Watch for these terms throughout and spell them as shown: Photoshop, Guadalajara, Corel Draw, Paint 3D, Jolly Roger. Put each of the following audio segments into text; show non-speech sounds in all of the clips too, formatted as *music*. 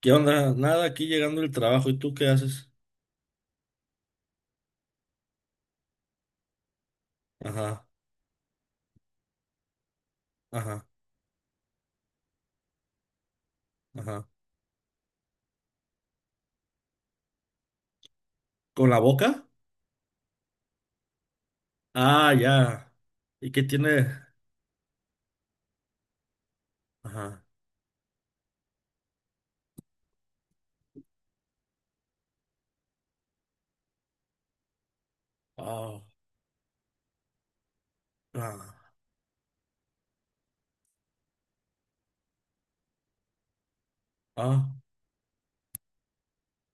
¿Qué onda? Nada, aquí llegando el trabajo. ¿Y tú qué haces? Ajá, ajá, ajá. ¿Con la boca? Ah, ya. ¿Y qué tiene? Ajá. Ah, ah, ah,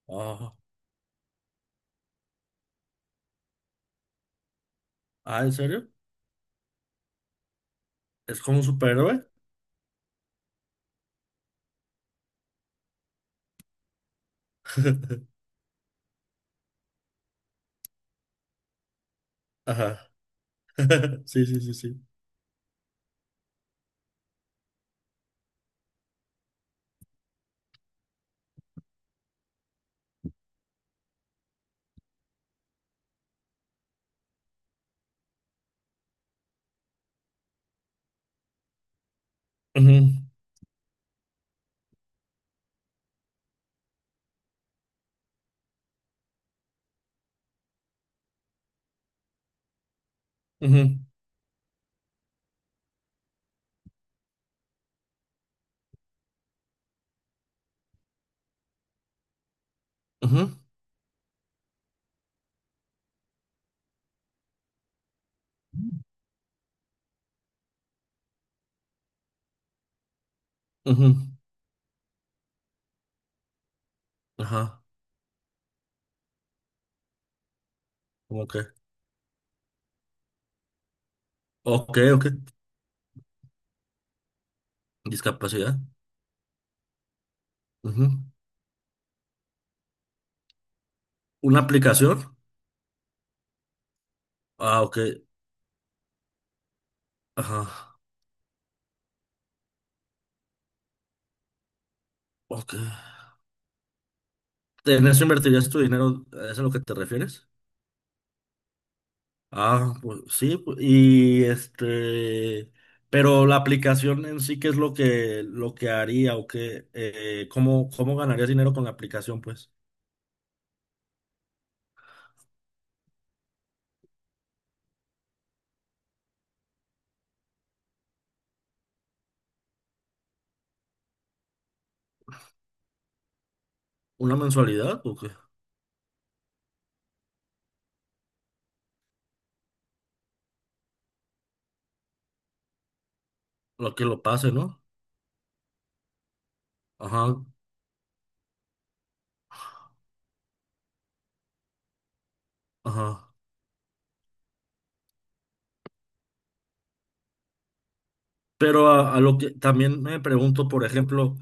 ah. Ah, ¿en serio? ¿Es como un superhéroe? *laughs* Ajá. *laughs* Sí, sí, sí, sí. Ujú, ujú, ujú, ujú. Ajá. ¿Cómo que? Ok, ok. Discapacidad. Ujú. ¿Una aplicación? Ah, ok. Ajá. Ok. ¿En eso invertirías tu dinero? ¿Es a lo que te refieres? Ah, pues sí, pero la aplicación en sí, ¿qué es lo que haría o qué, cómo, cómo ganarías dinero con la aplicación, pues? ¿Una mensualidad o qué? Lo que lo pase, ¿no? Ajá, ajá. Pero a lo que también me pregunto, por ejemplo,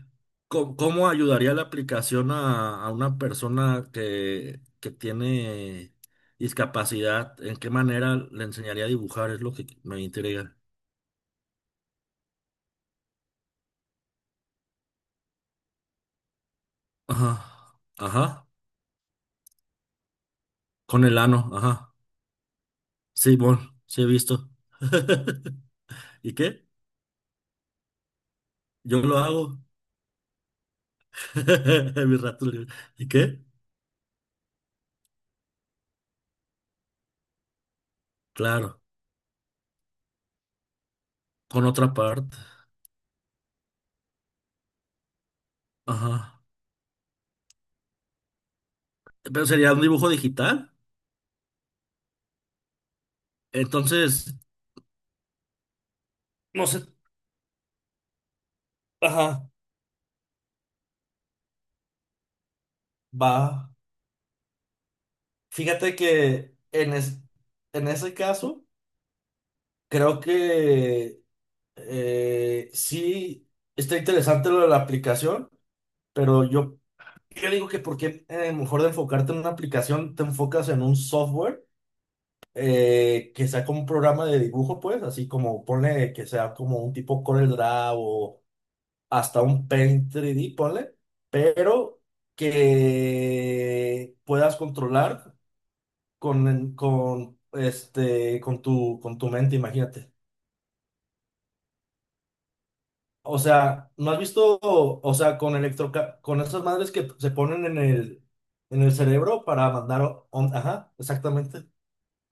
¿cómo, cómo ayudaría la aplicación a una persona que tiene discapacidad? ¿En qué manera le enseñaría a dibujar? Es lo que me intriga. Ajá, ajá. Con el ano, ajá. Sí, bueno, sí he visto. *laughs* ¿Y qué? Yo lo hago. *laughs* Mi rato libre. ¿Y qué? Claro, con otra parte. Ajá. Pero sería un dibujo digital. Entonces, no sé. Ajá, va. Fíjate que en ese caso, creo que sí está interesante lo de la aplicación, pero yo. Yo digo que porque mejor de enfocarte en una aplicación, te enfocas en un software que sea como un programa de dibujo, pues, así como ponle que sea como un tipo Corel Draw o hasta un Paint 3D, ponle, pero que puedas controlar con tu mente, imagínate. O sea, ¿no has visto? O sea, con electro, con esas madres que se ponen en el cerebro para mandar, ajá, exactamente.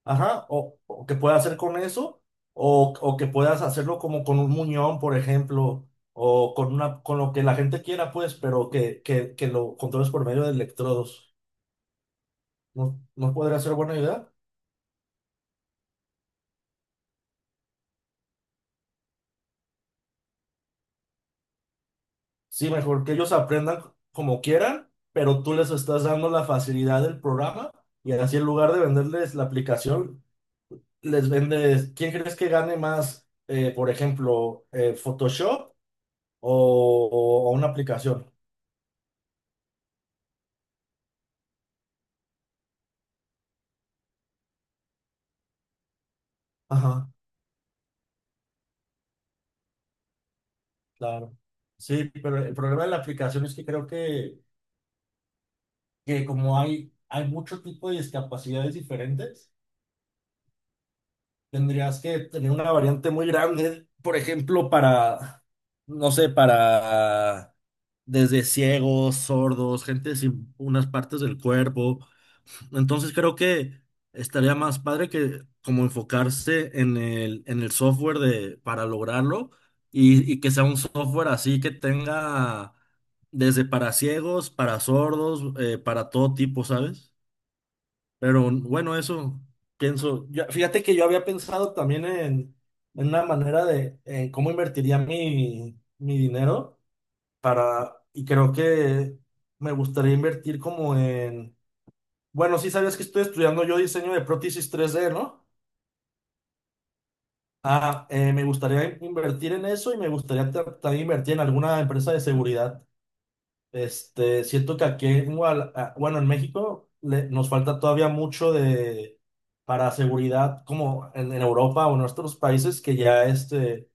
Ajá, o que puedas hacer con eso, o que puedas hacerlo como con un muñón, por ejemplo, o con una, con lo que la gente quiera, pues, pero que lo controles por medio de electrodos. ¿No, no podría ser buena idea? Sí, mejor que ellos aprendan como quieran, pero tú les estás dando la facilidad del programa, y así en lugar de venderles la aplicación, les vendes. ¿Quién crees que gane más, por ejemplo, Photoshop o, o una aplicación? Ajá. Claro. Sí, pero el problema de la aplicación es que creo que como hay mucho tipo de discapacidades diferentes, tendrías que tener una variante muy grande, por ejemplo, para, no sé, para desde ciegos, sordos, gente sin unas partes del cuerpo. Entonces creo que estaría más padre que como enfocarse en el software de, para lograrlo, y que sea un software así que tenga desde para ciegos, para sordos, para todo tipo, ¿sabes? Pero bueno, eso pienso. Fíjate que yo había pensado también en una manera de en cómo invertiría mi, mi dinero para, y creo que me gustaría invertir como, bueno, sí sabías que estoy estudiando yo diseño de prótesis 3D, ¿no? Ah, me gustaría invertir en eso y me gustaría también invertir en alguna empresa de seguridad. Siento que aquí en ah, bueno, en México nos falta todavía mucho de para seguridad, como en Europa o en nuestros países que ya este,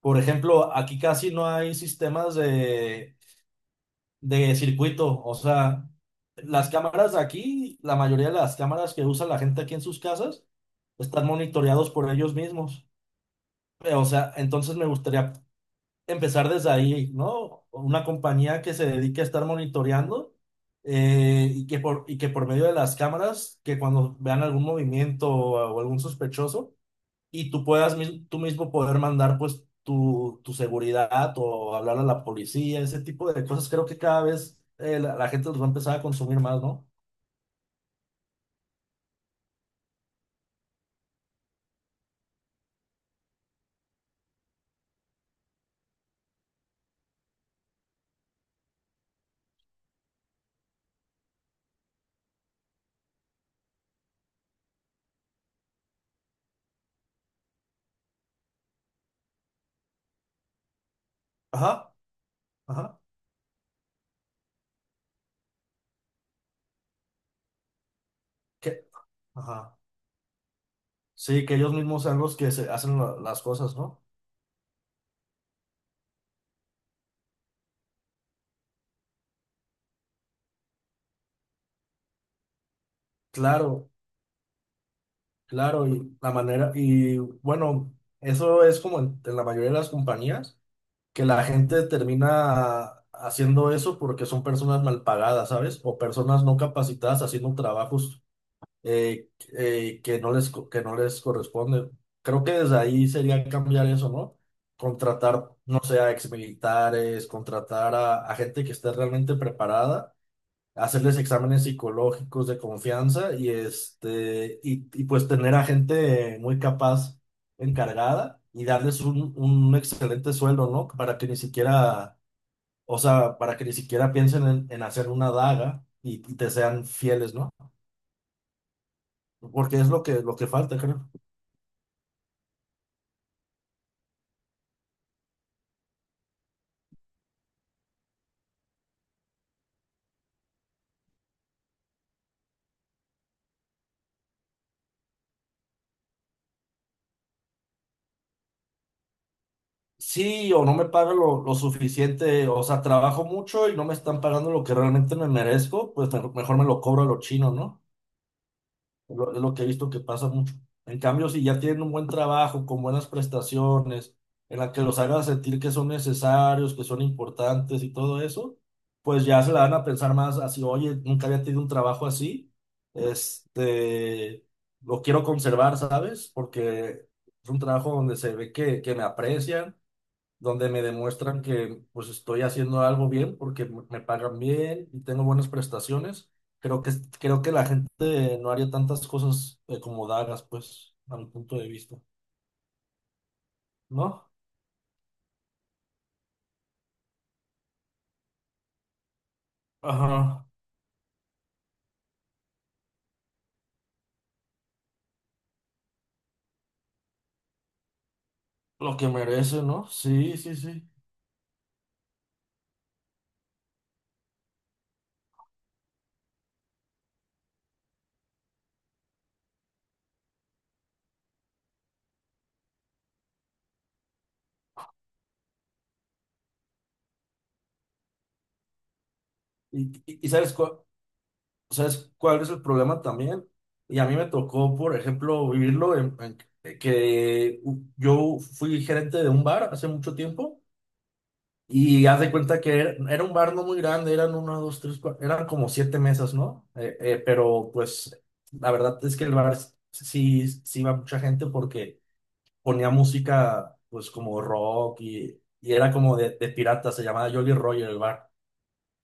por ejemplo, aquí casi no hay sistemas de circuito. O sea, las cámaras de aquí, la mayoría de las cámaras que usa la gente aquí en sus casas, están monitoreados por ellos mismos. O sea, entonces me gustaría empezar desde ahí, ¿no? Una compañía que se dedique a estar monitoreando y que por medio de las cámaras, que cuando vean algún movimiento o algún sospechoso, y tú puedas tú mismo poder mandar pues tu seguridad o hablar a la policía, ese tipo de cosas. Creo que cada vez la, la gente los va a empezar a consumir más, ¿no? Ajá, ajá, que, ajá. Sí, que ellos mismos sean los que se hacen la- las cosas, ¿no? Claro, claro, y la manera, y bueno, eso es como en la mayoría de las compañías, que la gente termina haciendo eso porque son personas mal pagadas, ¿sabes? O personas no capacitadas haciendo trabajos eh, que no les, que no les corresponde. Creo que desde ahí sería cambiar eso, ¿no? Contratar, no sé, a exmilitares, contratar a gente que esté realmente preparada, hacerles exámenes psicológicos de confianza y, y pues tener a gente muy capaz encargada y darles un excelente sueldo, ¿no? Para que ni siquiera, o sea, para que ni siquiera piensen en hacer una daga y te sean fieles, ¿no? Porque es lo que falta, creo. Sí, o no me pagan lo suficiente. O sea, trabajo mucho y no me están pagando lo que realmente me merezco, pues mejor me lo cobro a los chinos, ¿no? Lo, es lo que he visto que pasa mucho. En cambio, si ya tienen un buen trabajo, con buenas prestaciones, en la que los hagan sentir que son necesarios, que son importantes y todo eso, pues ya se la van a pensar más así, oye, nunca había tenido un trabajo así, este, lo quiero conservar, ¿sabes? Porque es un trabajo donde se ve que me aprecian, donde me demuestran que pues estoy haciendo algo bien porque me pagan bien y tengo buenas prestaciones. Creo que, creo que la gente no haría tantas cosas como dagas, pues, a mi punto de vista, ¿no? Ajá, lo que merece, ¿no? Sí, sí, sí. Y sabes cuál es el problema también? Y a mí me tocó, por ejemplo, vivirlo en que yo fui gerente de un bar hace mucho tiempo. Y haz de cuenta que era, era un bar no muy grande, eran una, dos, tres, cuatro, eran como siete mesas, ¿no? Pero pues la verdad es que el bar sí, sí iba mucha gente porque ponía música pues como rock, y era como de pirata, se llamaba Jolly Roger el bar.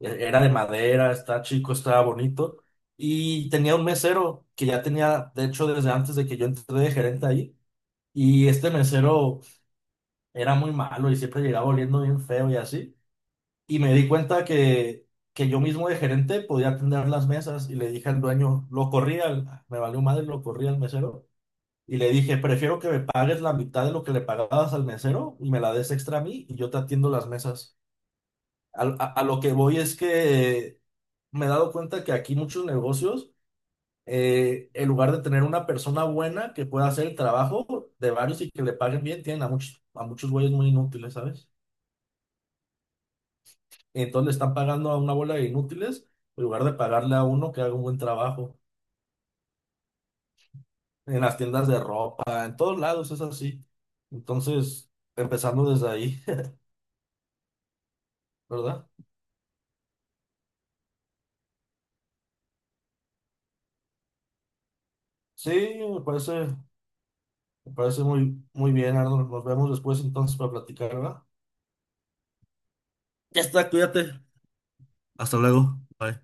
Era de madera, estaba chico, estaba bonito. Y tenía un mesero que ya tenía, de hecho, desde antes de que yo entré de gerente ahí. Y este mesero era muy malo y siempre llegaba oliendo bien feo y así. Y me di cuenta que yo mismo de gerente podía atender las mesas, y le dije al dueño, lo corrí al, me valió madre, lo corrí al mesero, y le dije, prefiero que me pagues la mitad de lo que le pagabas al mesero y me la des extra a mí y yo te atiendo las mesas. A lo que voy es que me he dado cuenta que aquí muchos negocios, en lugar de tener una persona buena que pueda hacer el trabajo de varios y que le paguen bien, tienen a muchos güeyes muy inútiles, ¿sabes? Entonces le están pagando a una bola de inútiles en lugar de pagarle a uno que haga un buen trabajo. En las tiendas de ropa, en todos lados es así. Entonces, empezando desde ahí, *laughs* ¿verdad? Sí, me parece, me parece muy, muy bien, Arnold. Nos vemos después entonces para platicar, ¿verdad? Ya está, cuídate. Hasta luego. Bye.